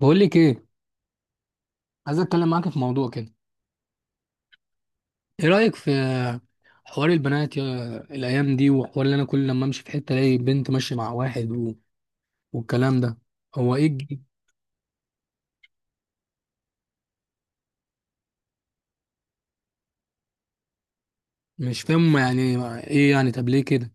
بقول لك ايه؟ عايز اتكلم معاك في موضوع كده. ايه رايك في حوار البنات يا الايام دي، وحوار اللي انا كل لما امشي في حته الاقي بنت ماشيه مع واحد والكلام ده؟ هو ايه مش فاهم يعني. ايه يعني؟ طب ليه كده؟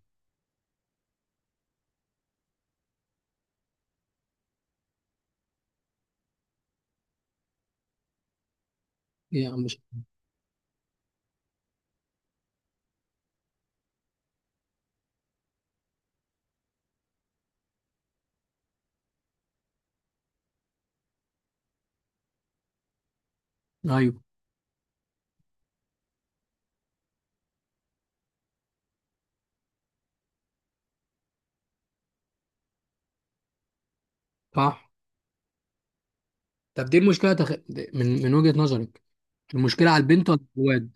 إيه يعني؟ مش ايوه، صح. طب دي من وجهه نظرك، المشكله على البنت ولا الواد؟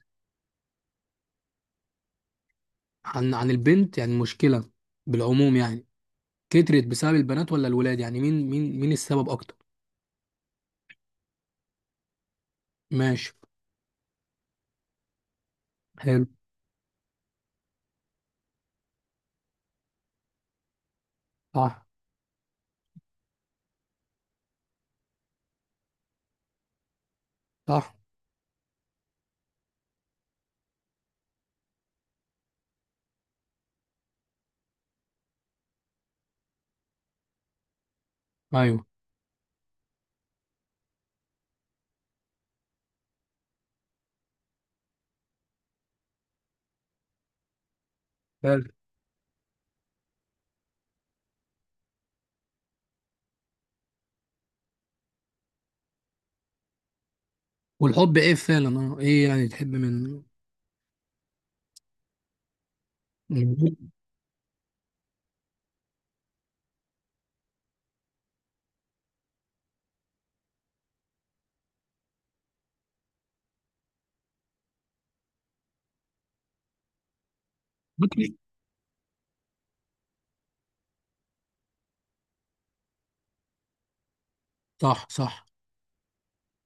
عن البنت يعني، المشكله بالعموم يعني، كترت بسبب البنات ولا الولاد؟ يعني مين السبب اكتر؟ ماشي. حلو. صح، صح. ايوه. حلو. والحب ايه فعلا؟ اه ايه يعني تحب من من- بطني؟ صح، صح.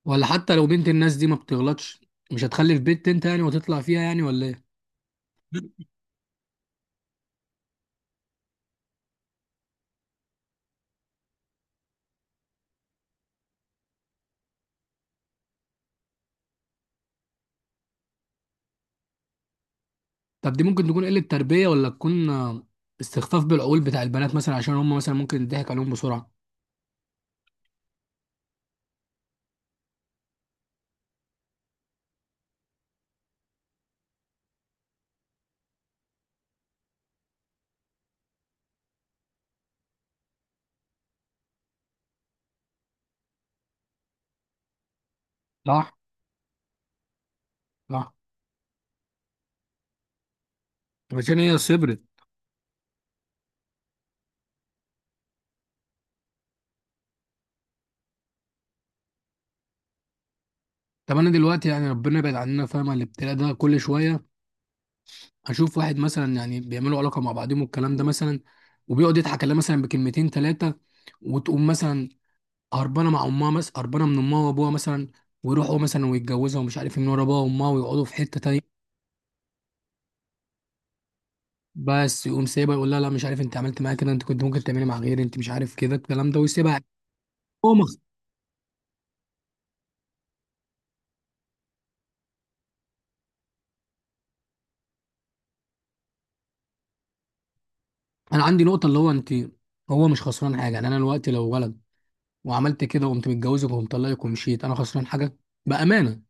ولا حتى لو بنت الناس دي ما بتغلطش، مش هتخلف بنت انت يعني وتطلع فيها يعني ولا ايه؟ طب دي ممكن تكون قلة تربية ولا تكون استخفاف بالعقول بتاع البنات مثلا، عشان هم مثلا ممكن يضحك عليهم بسرعة؟ صح، صح. عشان هي صبرت. طب انا دلوقتي يعني ربنا يبعد عننا، فاهمة الابتلاء ده كل شوية هشوف واحد مثلا يعني بيعملوا علاقة مع بعضهم والكلام ده مثلا، وبيقعد يضحك عليها مثلا بكلمتين ثلاثة، وتقوم مثلا هربانه مع امها، مثلا هربانه من امها وابوها مثلا، ويروحوا مثلا ويتجوزوا ومش عارف إيه من ورا ابوها وامها، ويقعدوا في حته تانية. بس يقوم سايبها يقول لها لا مش عارف انت عملت معايا كده، انت كنت ممكن تعملي مع غيري، انت مش عارف كده، الكلام ده، ويسيبها. هو مخ... انا عندي نقطه اللي هو انت. هو مش خسران حاجه يعني، انا دلوقتي لو ولد وعملت كده وقمت متجوزك وقمت طلقك ومشيت، انا خسران حاجه؟ بامانه،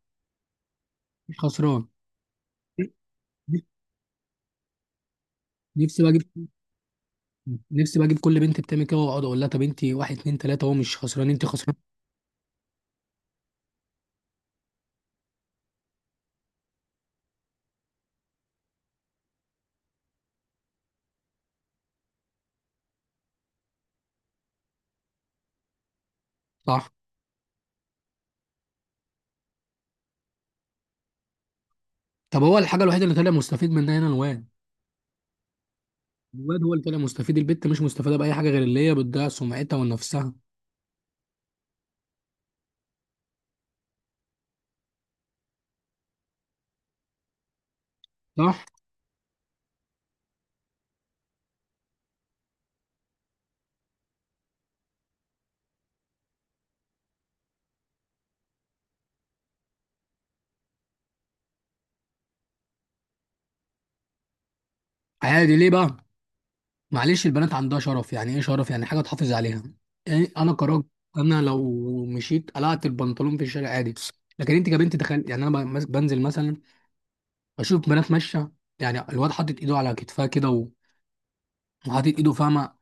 مش خسران. نفسي بقى اجيب، نفسي بقى اجيب كل بنت بتعمل كده واقعد اقول لها، طب انت واحد اتنين تلاته، هو مش خسران، انت خسران. صح. طب هو الحاجه الوحيده اللي طلع مستفيد منها هنا الواد. الواد هو اللي طالع مستفيد، البت مش مستفاده باي حاجه غير اللي هي بتضيع سمعتها ونفسها. صح. عادي ليه بقى؟ معلش البنات عندها شرف، يعني ايه شرف؟ يعني حاجه تحافظ عليها. يعني انا كراجل، انا لو مشيت قلعت البنطلون في الشارع عادي، لكن انت كبنت تخيل. يعني انا بنزل مثلا، بشوف بنات ماشيه، يعني الواد حاطط ايده على كتفها كده وحاطط ايده فاهمه،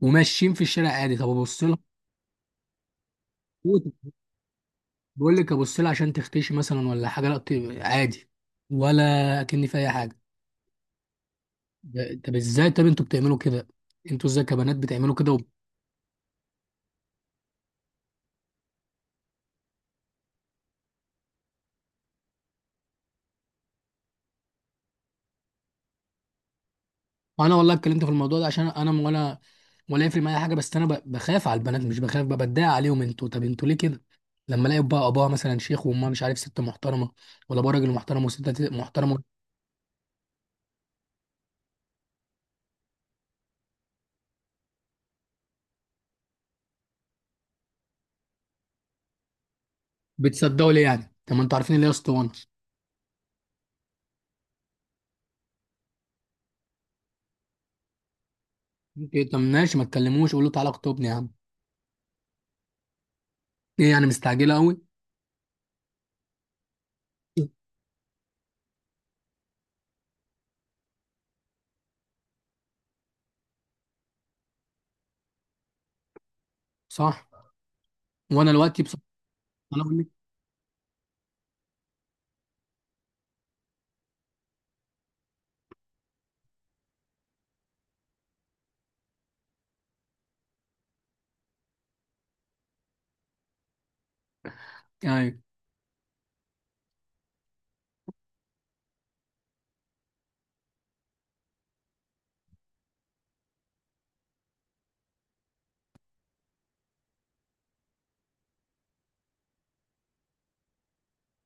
وماشيين في الشارع عادي، طب ابص لها؟ بقول لك ابص لها عشان تختشي مثلا ولا حاجه، لا طيب، عادي، ولا كأني في اي حاجه. طب ازاي؟ طب انتوا بتعملوا كده؟ انتوا ازاي كبنات بتعملوا كده وانا والله اتكلمت في الموضوع ده عشان انا ولا، ولا يفرق معايا حاجه، بس انا بخاف على البنات، مش بخاف بقى، بتضايق عليهم. انتوا طب انتوا ليه كده؟ لما الاقي بقى اباها مثلا شيخ وامها مش عارف ست محترمه، ولا ابوها راجل محترم وست محترمه. بتصدقوا ليه يعني؟ طب ما انتوا عارفين اللي هي اسطوانه. إيه؟ طب ماشي، ما تكلموش، قولوا تعالى اخطبني يا عم، ايه يعني مستعجله قوي؟ صح. وانا دلوقتي بصراحه، انا بقول لك أيوه.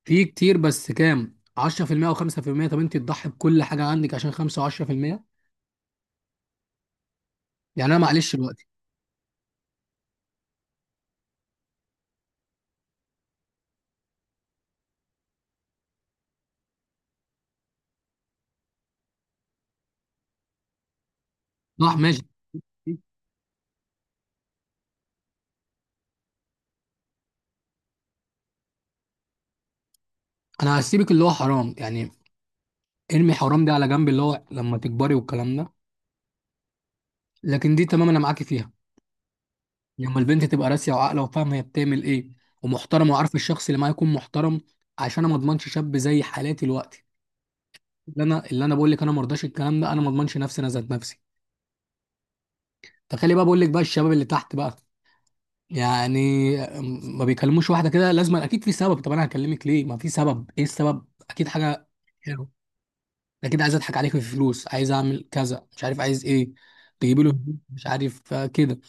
في كتير بس كام 10% او 5%؟ طب انت تضحي بكل حاجه عندك عشان 5 و10%؟ يعني انا معلش دلوقتي. صح، ماشي. انا هسيبك اللي هو حرام يعني، ارمي حرام ده على جنب اللي هو لما تكبري والكلام ده، لكن دي تمام انا معاكي فيها. لما البنت تبقى راسيه وعاقله وفاهمه هي بتعمل ايه، ومحترمه وعارفه الشخص اللي معاها يكون محترم. عشان انا ما اضمنش شاب زي حالاتي دلوقتي، اللي انا اللي انا بقول لك انا ما ارضاش الكلام ده، انا ما اضمنش نفسي، انا ذات نفسي. تخيلي بقى بقول لك بقى الشباب اللي تحت بقى، يعني ما بيكلموش واحده كده، لازم اكيد في سبب. طب انا هكلمك ليه؟ ما في سبب، ايه السبب؟ اكيد حاجه. حلو. اكيد عايز اضحك عليك في الفلوس، عايز اعمل كذا مش عارف عايز ايه. تجيب له هدوم، مش عارف كده.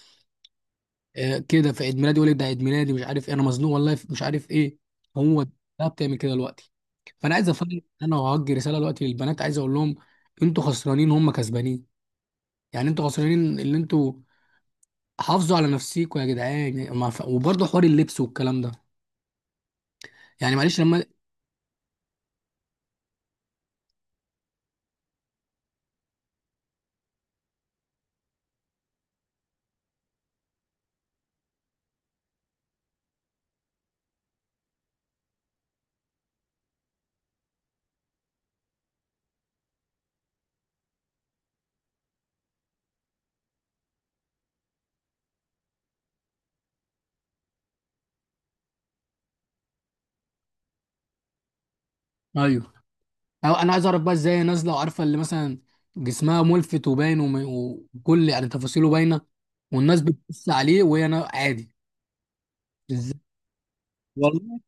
كده في عيد ميلادي يقول لك ده عيد ميلادي مش عارف ايه، انا مزنوق والله، مش عارف ايه. هو ده بتعمل كده دلوقتي. فانا عايز افهم، انا وهوجه رساله دلوقتي للبنات، عايز اقول لهم انتوا خسرانين، هم كسبانين، يعني انتوا خسرانين اللي انتوا. حافظوا على نفسيكوا يا جدعان. ما ف- وبرضه حوار اللبس والكلام ده، يعني معلش لما ايوه. أو انا عايز اعرف بقى ازاي هي نازله وعارفه اللي مثلا جسمها ملفت وباين وكل يعني تفاصيله باينه، والناس بتبص عليه وهي عادي. ازاي؟ والله.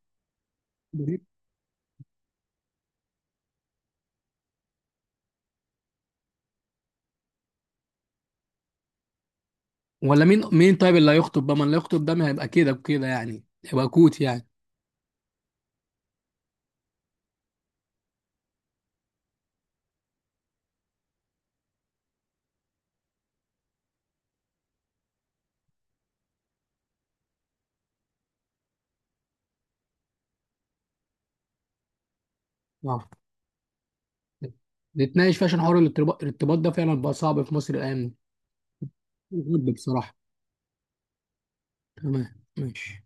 ولا مين، مين طيب اللي هيخطب بقى؟ ما اللي هيخطب ده ما هيبقى كده بكده يعني، هيبقى كوت يعني. آه. نتناقش فيه عشان حوار الارتباط، الارتباط ده فعلا بقى صعب في مصر الايام دي، بجد بصراحه. تمام ماشي.